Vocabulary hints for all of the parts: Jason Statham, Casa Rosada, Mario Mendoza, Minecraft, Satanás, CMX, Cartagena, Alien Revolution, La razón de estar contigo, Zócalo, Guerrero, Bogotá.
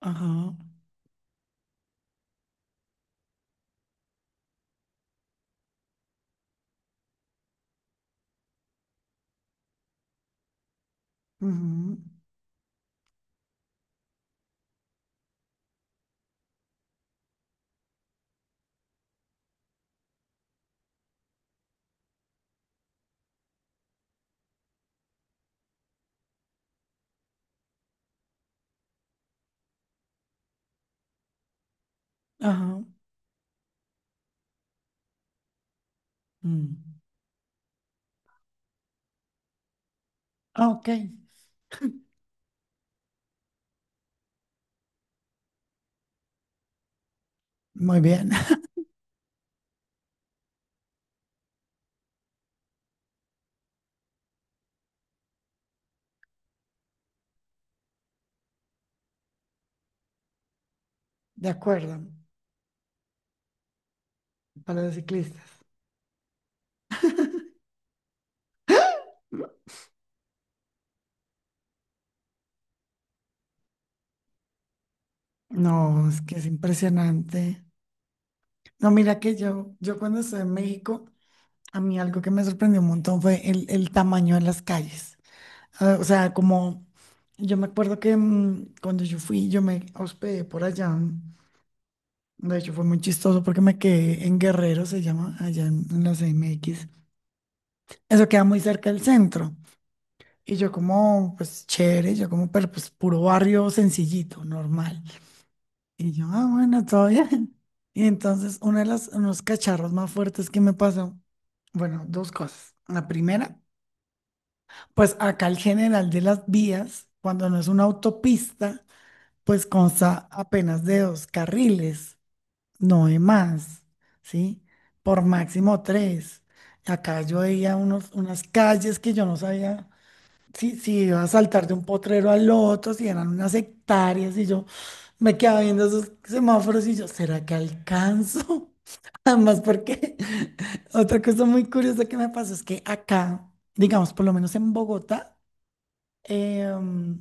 Ajá, ujú, ajá. Mm. Ah, ok, muy bien, de acuerdo, para los ciclistas. No, es que es impresionante. No, mira que yo, cuando estuve en México, a mí algo que me sorprendió un montón fue el tamaño de las calles. Ah, o sea, como yo me acuerdo que cuando yo fui, yo me hospedé por allá. De hecho, fue muy chistoso porque me quedé en Guerrero, se llama, allá en la CMX. Eso queda muy cerca del centro. Y yo como, pues chévere, yo como, pero pues puro barrio sencillito, normal. Y yo, ah, bueno, todo bien. Y entonces uno de los, unos cacharros más fuertes que me pasó, bueno, dos cosas. La primera, pues acá el general de las vías, cuando no es una autopista, pues consta apenas de dos carriles, no de más, ¿sí? Por máximo tres. Acá yo veía unos, unas calles que yo no sabía sí, sí, iba a saltar de un potrero al otro, si eran unas hectáreas, y yo me quedaba viendo esos semáforos y yo, ¿será que alcanzo? Además, porque otra cosa muy curiosa que me pasó es que acá, digamos, por lo menos en Bogotá, em,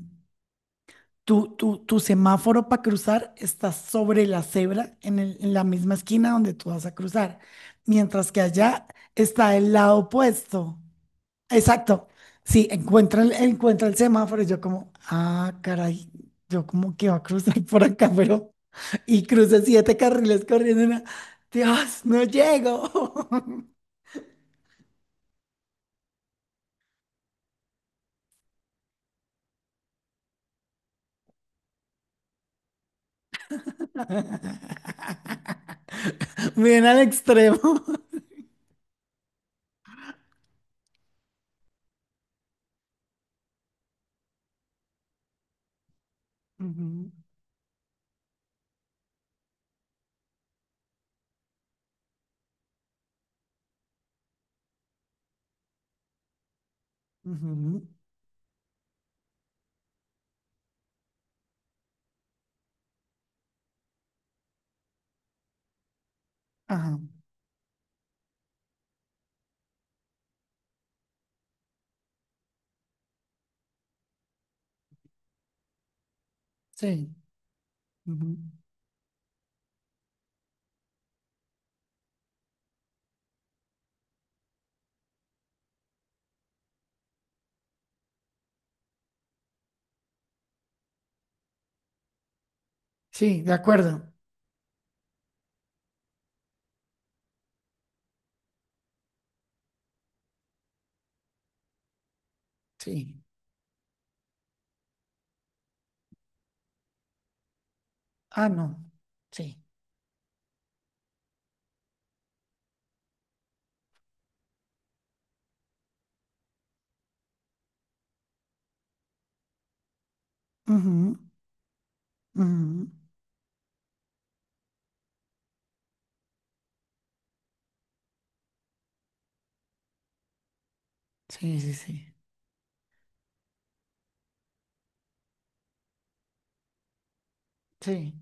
tu semáforo para cruzar está sobre la cebra, en, el- en la misma esquina donde tú vas a cruzar, mientras que allá está el lado opuesto. Exacto. Sí, encuentra el semáforo. Y yo como, ah, caray, yo como que va a cruzar por acá, pero... Y cruza siete carriles corriendo. Y una, Dios, no llego. Bien al extremo. Ujú, ujú, ajá. Sí. Ujú. Sí, de acuerdo. Sí. Ah, no. Sí. Ujú, ujú. Sí, sí, sí. Sí.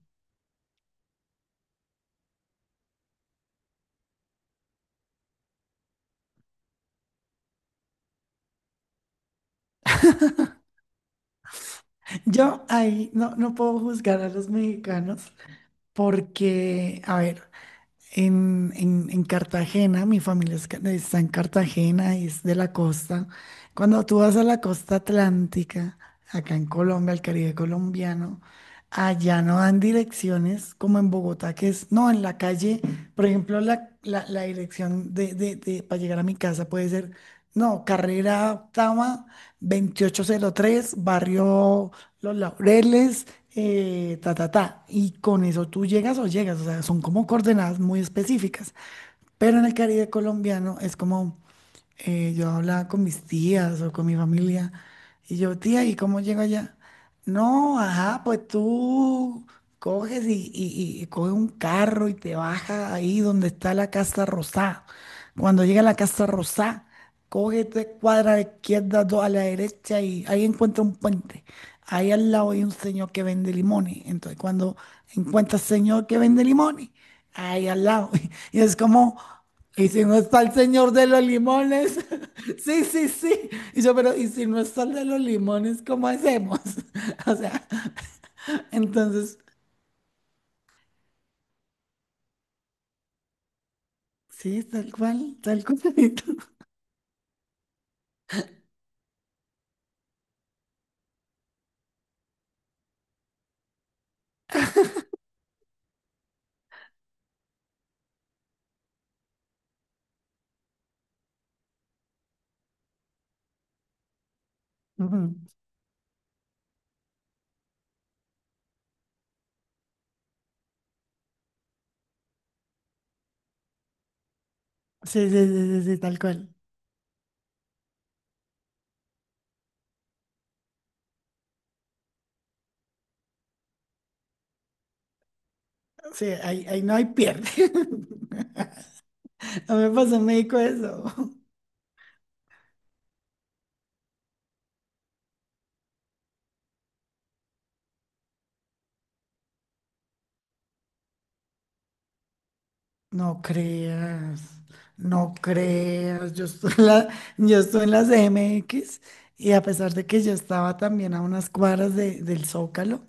Yo ahí no, no puedo juzgar a los mexicanos. Porque, a ver, en Cartagena, mi familia es ca- está en Cartagena, es de la costa. Cuando tú vas a la costa atlántica, acá en Colombia, al Caribe colombiano, allá no dan direcciones como en Bogotá, que es, no, en la calle, por ejemplo, la- la dirección de- para llegar a mi casa puede ser, no, carrera octava, 2803, barrio los laureles, ta, ta, ta. Y con eso tú llegas o llegas, o sea, son como coordenadas muy específicas. Pero en el Caribe colombiano es como, yo hablaba con mis tías o con mi familia, y yo, tía, ¿y cómo llego allá? No, ajá, pues tú coges y- coges un carro y te bajas ahí donde está la Casa Rosada. Cuando llega a la Casa Rosada, coge tres cuadras a la izquierda, dos a la derecha y ahí encuentra un puente. Ahí al lado hay un señor que vende limones. Entonces, cuando encuentra al señor que vende limones, ahí al lado. Y es como, ¿y si no está el señor de los limones? Sí, sí, sí. Y yo, pero ¿y si no está el de los limones, cómo hacemos? O sea, entonces, sí, tal cual, tal cual. Ujú. Sí, sí, sí, sí, sí, tal cual. Sí, ahí, ahí no hay pierde. A mí me pasó en México eso. No creas, no creas. Yo estoy en la, yo estoy en la CMX y a pesar de que yo estaba también a unas cuadras de- del Zócalo,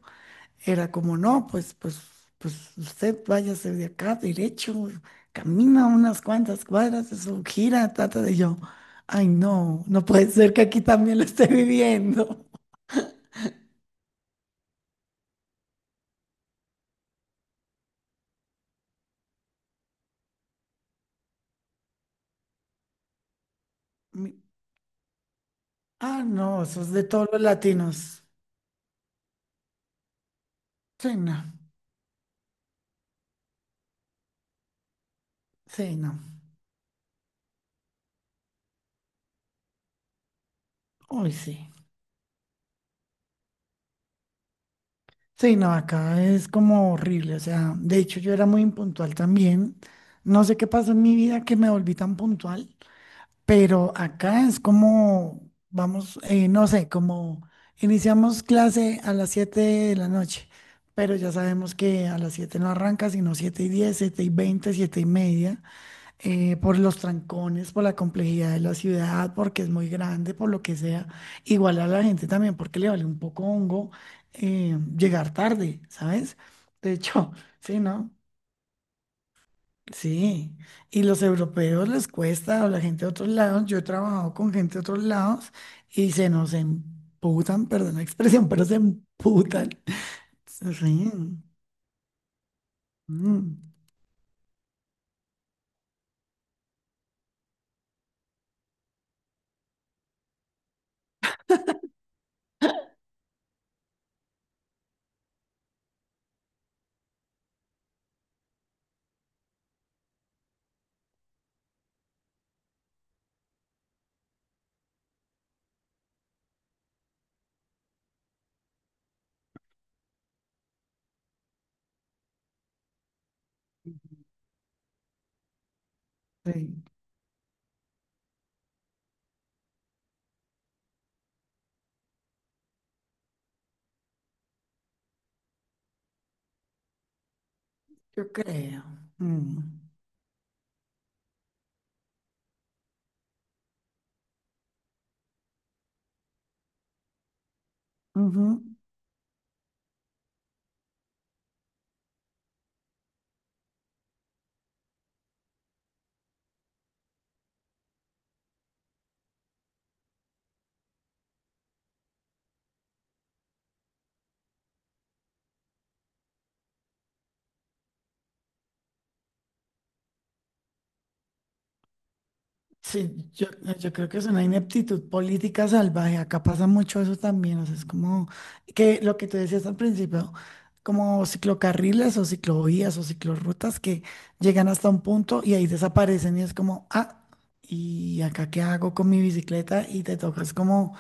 era como, no, pues, pues, pues usted váyase de acá derecho, camina unas cuantas cuadras, eso gira, trata de yo. Ay, no, no puede ser que aquí también lo esté viviendo. Ah, no, eso es de todos los latinos. Sí, no, sí, no. Uy, sí. Sí, no, acá es como horrible. O sea, de hecho yo era muy impuntual también. No sé qué pasó en mi vida que me volví tan puntual, pero acá es como, vamos, no sé, como iniciamos clase a las 7 de la noche, pero ya sabemos que a las 7 no arranca, sino 7 y 10, 7 y 20, 7 y media. Por los trancones, por la complejidad de la ciudad, porque es muy grande, por lo que sea. Igual a la gente también, porque le vale un poco hongo llegar tarde, ¿sabes? De hecho, sí, ¿no? Sí. Y los europeos les cuesta, o la gente de otros lados. Yo he trabajado con gente de otros lados y se nos emputan, perdón la expresión, pero se emputan. Sí. Mm, sí, yo creo. Mm, ujú. Sí, yo creo que es una ineptitud política salvaje. Acá pasa mucho eso también. O sea, es como que lo que tú decías al principio, como ciclocarriles o ciclovías o ciclorrutas que llegan hasta un punto y ahí desaparecen y es como, ah, ¿y acá qué hago con mi bicicleta? Y te tocas como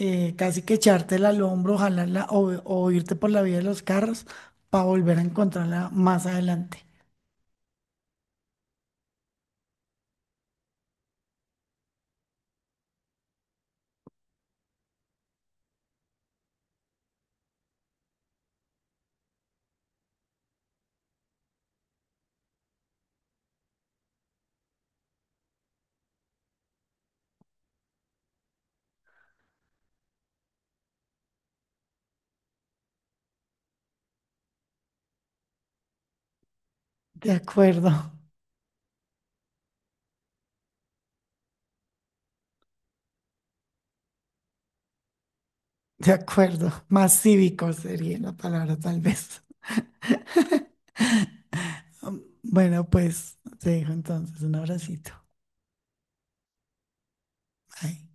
casi que echártela al hombro, jalarla o irte por la vía de los carros para volver a encontrarla más adelante. De acuerdo. De acuerdo, más cívico sería la palabra tal vez. Bueno, pues te dejo entonces un abracito. Bye.